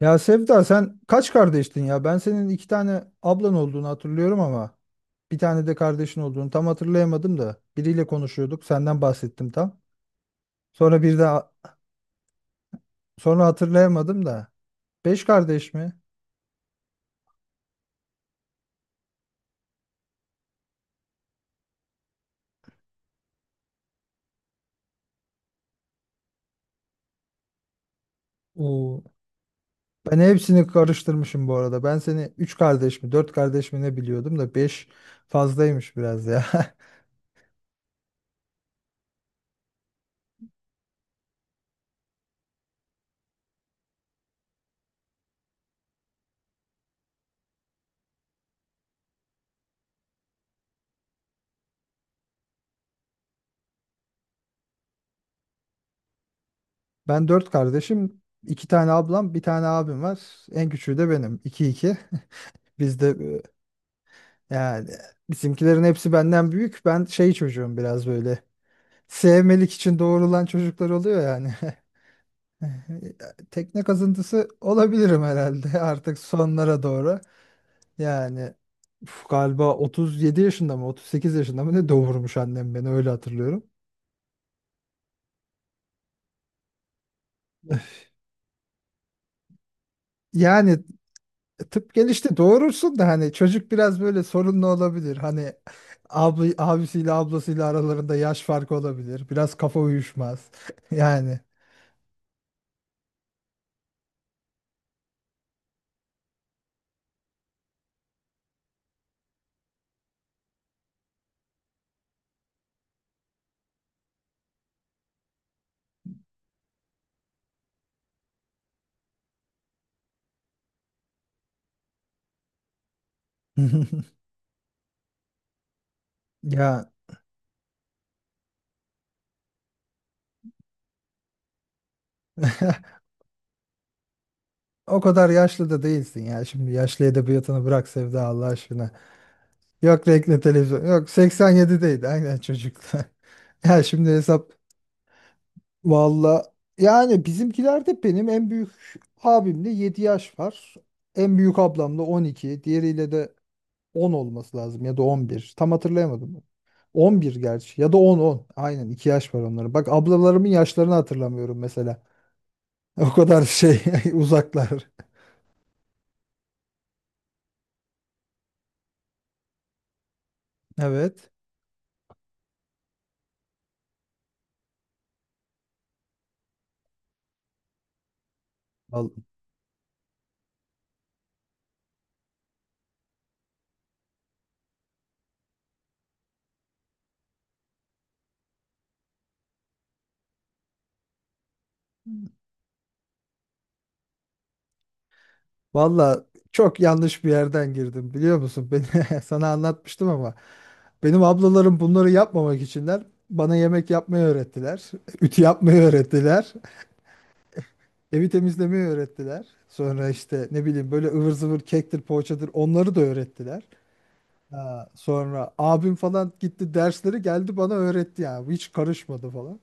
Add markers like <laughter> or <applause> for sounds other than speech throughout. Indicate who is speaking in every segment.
Speaker 1: Ya Sevda, sen kaç kardeştin ya? Ben senin iki tane ablan olduğunu hatırlıyorum ama bir tane de kardeşin olduğunu tam hatırlayamadım da. Biriyle konuşuyorduk, senden bahsettim tam. Sonra bir de sonra hatırlayamadım da. Beş kardeş mi? Oo. Ben hepsini karıştırmışım bu arada. Ben seni üç kardeş mi, dört kardeş mi ne biliyordum da beş fazlaymış biraz ya. <laughs> Ben dört kardeşim, iki tane ablam, bir tane abim var. En küçüğü de benim. İki iki. <laughs> Biz de, yani bizimkilerin hepsi benden büyük. Ben şey çocuğum biraz böyle. Sevmelik için doğrulan çocuklar oluyor yani. <laughs> <laughs> Tekne kazıntısı olabilirim herhalde, <laughs> artık sonlara doğru. Yani uf, galiba 37 yaşında mı, 38 yaşında mı ne doğurmuş annem, beni öyle hatırlıyorum. Yani tıp gelişti, doğurursun da hani çocuk biraz böyle sorunlu olabilir. Hani abla, abisiyle ablasıyla aralarında yaş farkı olabilir. Biraz kafa uyuşmaz. <laughs> Yani. <laughs> Ya, <laughs> o kadar yaşlı da değilsin ya. Şimdi yaşlı edebiyatını bırak Sevda, Allah aşkına. Yok renkli televizyon. Yok, 87'deydi aynen çocuklar. <laughs> Ya şimdi hesap valla, yani bizimkilerde benim en büyük abimle 7 yaş var. En büyük ablamla 12. Diğeriyle de 10 olması lazım ya da 11. Tam hatırlayamadım. 11 gerçi ya da on on. Aynen 2 yaş var onların. Bak, ablalarımın yaşlarını hatırlamıyorum mesela. <laughs> O kadar şey <laughs> uzaklar. Evet. Al- Valla çok yanlış bir yerden girdim, biliyor musun? Beni <laughs> sana anlatmıştım ama benim ablalarım bunları yapmamak içinler, bana yemek yapmayı öğrettiler. <laughs> Ütü yapmayı öğrettiler. Evi temizlemeyi öğrettiler. Sonra işte ne bileyim böyle ıvır zıvır kektir poğaçadır onları da öğrettiler. Ha, sonra abim falan gitti, dersleri geldi bana öğretti ya. Hiç karışmadı falan.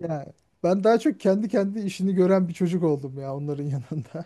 Speaker 1: Yani ben daha çok kendi kendi işini gören bir çocuk oldum ya, onların yanında.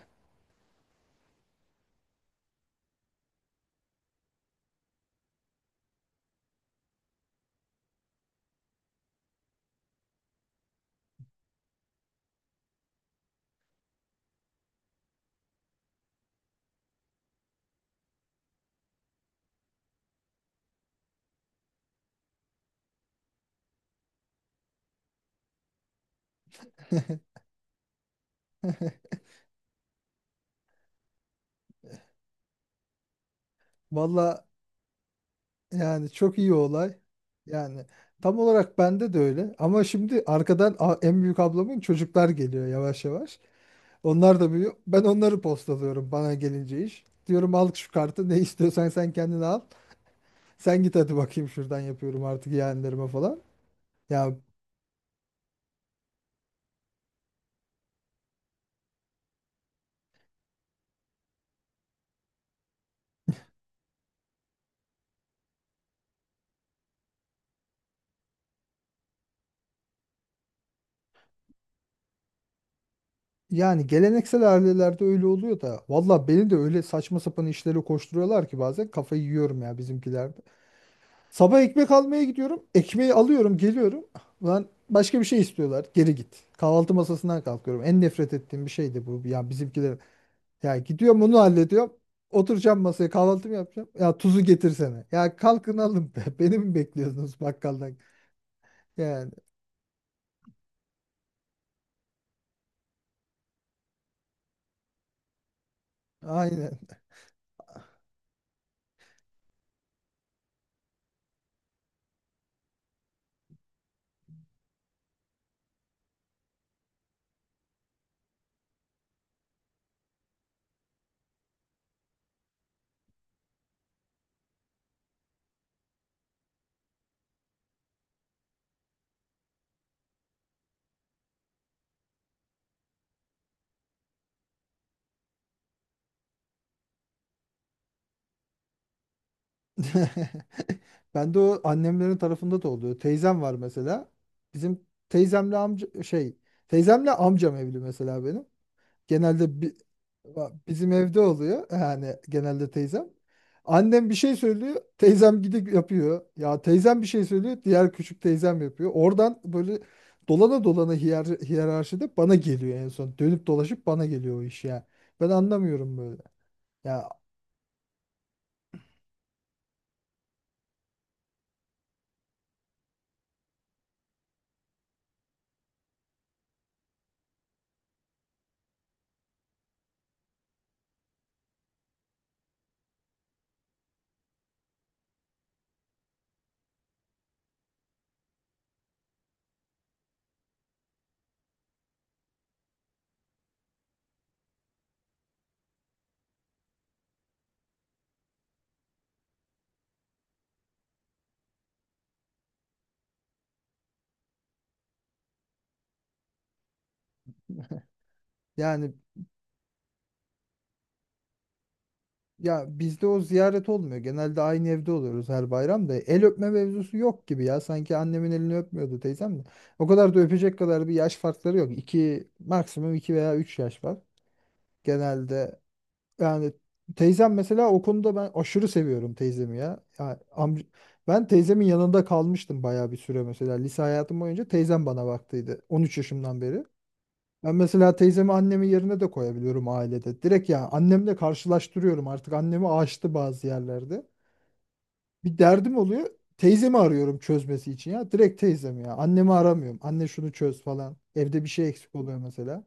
Speaker 1: <laughs> Valla, yani çok iyi olay. Yani tam olarak bende de öyle. Ama şimdi arkadan en büyük ablamın çocuklar geliyor yavaş yavaş. Onlar da büyüyor. Ben onları postalıyorum bana gelince iş. Diyorum al şu kartı, ne istiyorsan sen kendine al. Sen git hadi bakayım şuradan, yapıyorum artık yeğenlerime falan. Ya, yani geleneksel ailelerde öyle oluyor da. Valla beni de öyle saçma sapan işlere koşturuyorlar ki bazen kafayı yiyorum ya bizimkiler. Sabah ekmek almaya gidiyorum. Ekmeği alıyorum, geliyorum. Ben başka bir şey istiyorlar. Geri git. Kahvaltı masasından kalkıyorum. En nefret ettiğim bir şeydi bu. Ya bizimkiler, ya gidiyorum onu hallediyorum. Oturacağım masaya kahvaltımı yapacağım. Ya tuzu getirsene. Ya kalkın alın be. <laughs> Beni mi bekliyorsunuz bakkaldan? Yani aynen. <laughs> Ben de o, annemlerin tarafında da oluyor. Teyzem var mesela. Bizim teyzemle amca şey, teyzemle amcam evli mesela benim. Genelde bizim evde oluyor. Yani genelde teyzem. Annem bir şey söylüyor. Teyzem gidip yapıyor. Ya teyzem bir şey söylüyor. Diğer küçük teyzem yapıyor. Oradan böyle dolana dolana hiyerarşide bana geliyor en son. Dönüp dolaşıp bana geliyor o iş ya. Ben anlamıyorum böyle. Ya, yani ya, bizde o ziyaret olmuyor. Genelde aynı evde oluyoruz her bayram da. El öpme mevzusu yok gibi ya. Sanki annemin elini öpmüyordu teyzem de. O kadar da öpecek kadar bir yaş farkları yok. 2, maksimum 2 veya 3 yaş var. Genelde yani teyzem mesela, o konuda ben aşırı seviyorum teyzemi ya. Ya ben teyzemin yanında kalmıştım bayağı bir süre mesela. Lise hayatım boyunca teyzem bana baktıydı, 13 yaşımdan beri. Ben mesela teyzemi annemin yerine de koyabiliyorum ailede. Direkt ya, annemle karşılaştırıyorum, artık annemi aştı bazı yerlerde. Bir derdim oluyor. Teyzemi arıyorum çözmesi için ya. Direkt teyzemi ya. Annemi aramıyorum. Anne şunu çöz falan. Evde bir şey eksik oluyor mesela.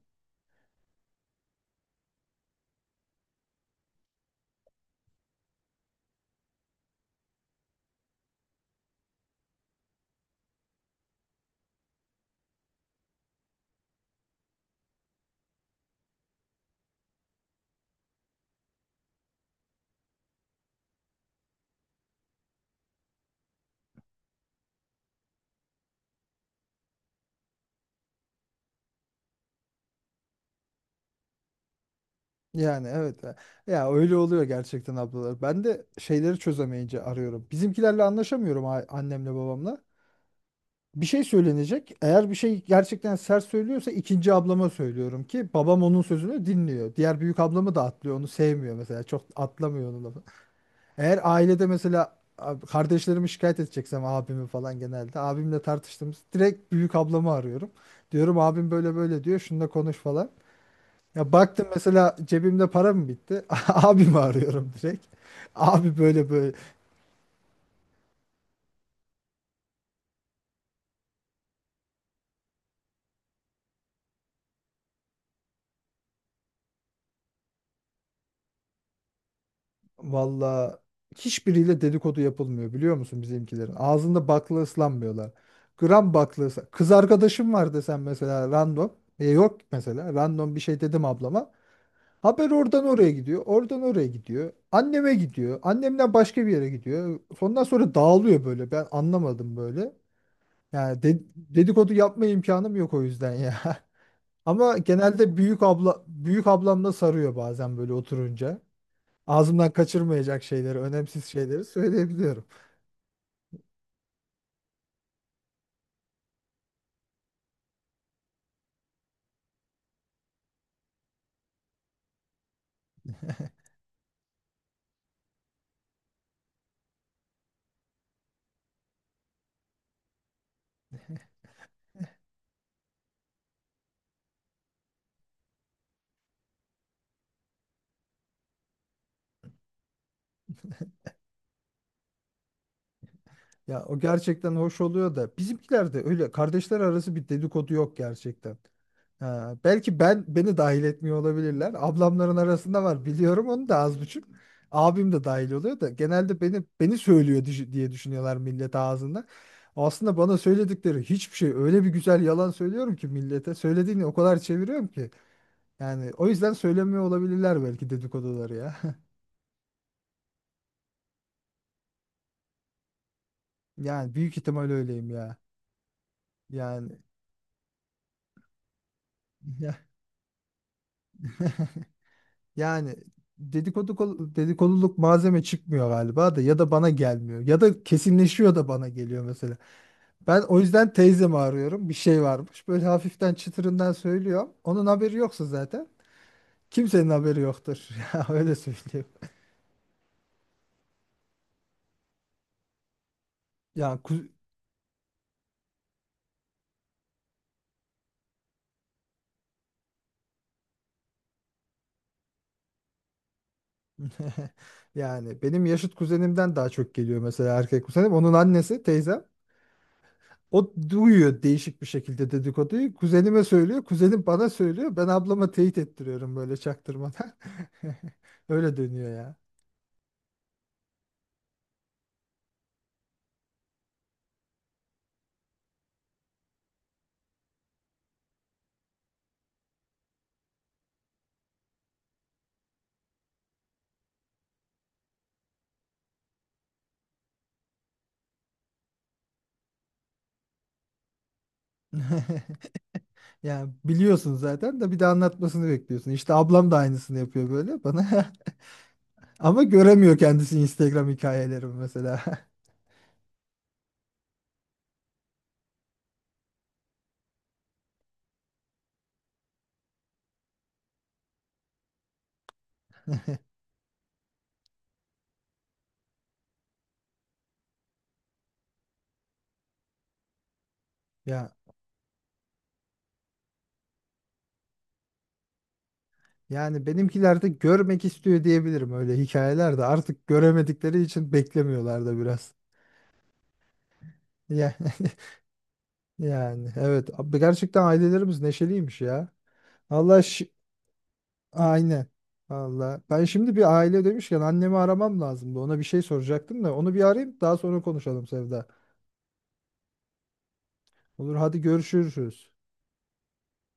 Speaker 1: Yani evet. Ya, ya öyle oluyor gerçekten ablalar. Ben de şeyleri çözemeyince arıyorum. Bizimkilerle anlaşamıyorum, annemle babamla bir şey söylenecek. Eğer bir şey gerçekten sert söylüyorsa, ikinci ablama söylüyorum ki babam onun sözünü dinliyor. Diğer büyük ablamı da atlıyor. Onu sevmiyor mesela. Çok atlamıyor onun lafı. Eğer ailede mesela kardeşlerimi şikayet edeceksem abimi falan, genelde abimle tartıştığımız direkt büyük ablamı arıyorum. Diyorum abim böyle böyle diyor. Şununla konuş falan. Ya baktım mesela cebimde para mı bitti? <laughs> Abimi arıyorum direkt. Abi böyle böyle. Valla hiçbiriyle dedikodu yapılmıyor, biliyor musun bizimkilerin? Ağzında bakla ıslanmıyorlar. Kız arkadaşım var desem mesela random. E yok, mesela random bir şey dedim ablama. Haber oradan oraya gidiyor. Oradan oraya gidiyor. Anneme gidiyor. Annemden başka bir yere gidiyor. Ondan sonra dağılıyor böyle. Ben anlamadım böyle. Yani dedikodu yapma imkanım yok o yüzden ya. <laughs> Ama genelde büyük ablamla sarıyor bazen, böyle oturunca ağzımdan kaçırmayacak şeyleri, önemsiz şeyleri söyleyebiliyorum. Ya o gerçekten hoş oluyor da bizimkilerde öyle kardeşler arası bir dedikodu yok gerçekten. Ha, belki ben, beni dahil etmiyor olabilirler. Ablamların arasında var, biliyorum onu da az buçuk. Abim de dahil oluyor da genelde beni söylüyor diye düşünüyorlar millet ağzında. Aslında bana söyledikleri hiçbir şey, öyle bir güzel yalan söylüyorum ki millete. Söylediğini o kadar çeviriyorum ki. Yani o yüzden söylemiyor olabilirler belki dedikoduları ya. Yani büyük ihtimal öyleyim ya. Yani <laughs> ya- yani dedikoduluk malzeme çıkmıyor galiba, da ya da bana gelmiyor ya da kesinleşiyor da bana geliyor mesela. Ben o yüzden teyzemi arıyorum. Bir şey varmış. Böyle hafiften çıtırından söylüyor. Onun haberi yoksa zaten kimsenin haberi yoktur. <laughs> Ya öyle söyleyeyim. Yani ku- <laughs> yani benim yaşıt kuzenimden daha çok geliyor mesela erkek kuzenim. Onun annesi teyzem. O duyuyor değişik bir şekilde dedikoduyu. Kuzenime söylüyor. Kuzenim bana söylüyor. Ben ablama teyit ettiriyorum böyle çaktırmadan. <laughs> Öyle dönüyor ya. <laughs> Yani biliyorsun zaten, de bir de anlatmasını bekliyorsun. İşte ablam da aynısını yapıyor böyle bana. <laughs> Ama göremiyor kendisi Instagram hikayelerimi mesela. <laughs> Ya, yani benimkiler de görmek istiyor diyebilirim, öyle hikayeler de artık göremedikleri için beklemiyorlar da biraz. Yani, <laughs> yani evet abi, gerçekten ailelerimiz neşeliymiş ya. Allah şi- aynen. Allah. Ben şimdi bir aile demişken annemi aramam lazımdı. Ona bir şey soracaktım da onu bir arayayım, daha sonra konuşalım Sevda. Olur, hadi görüşürüz.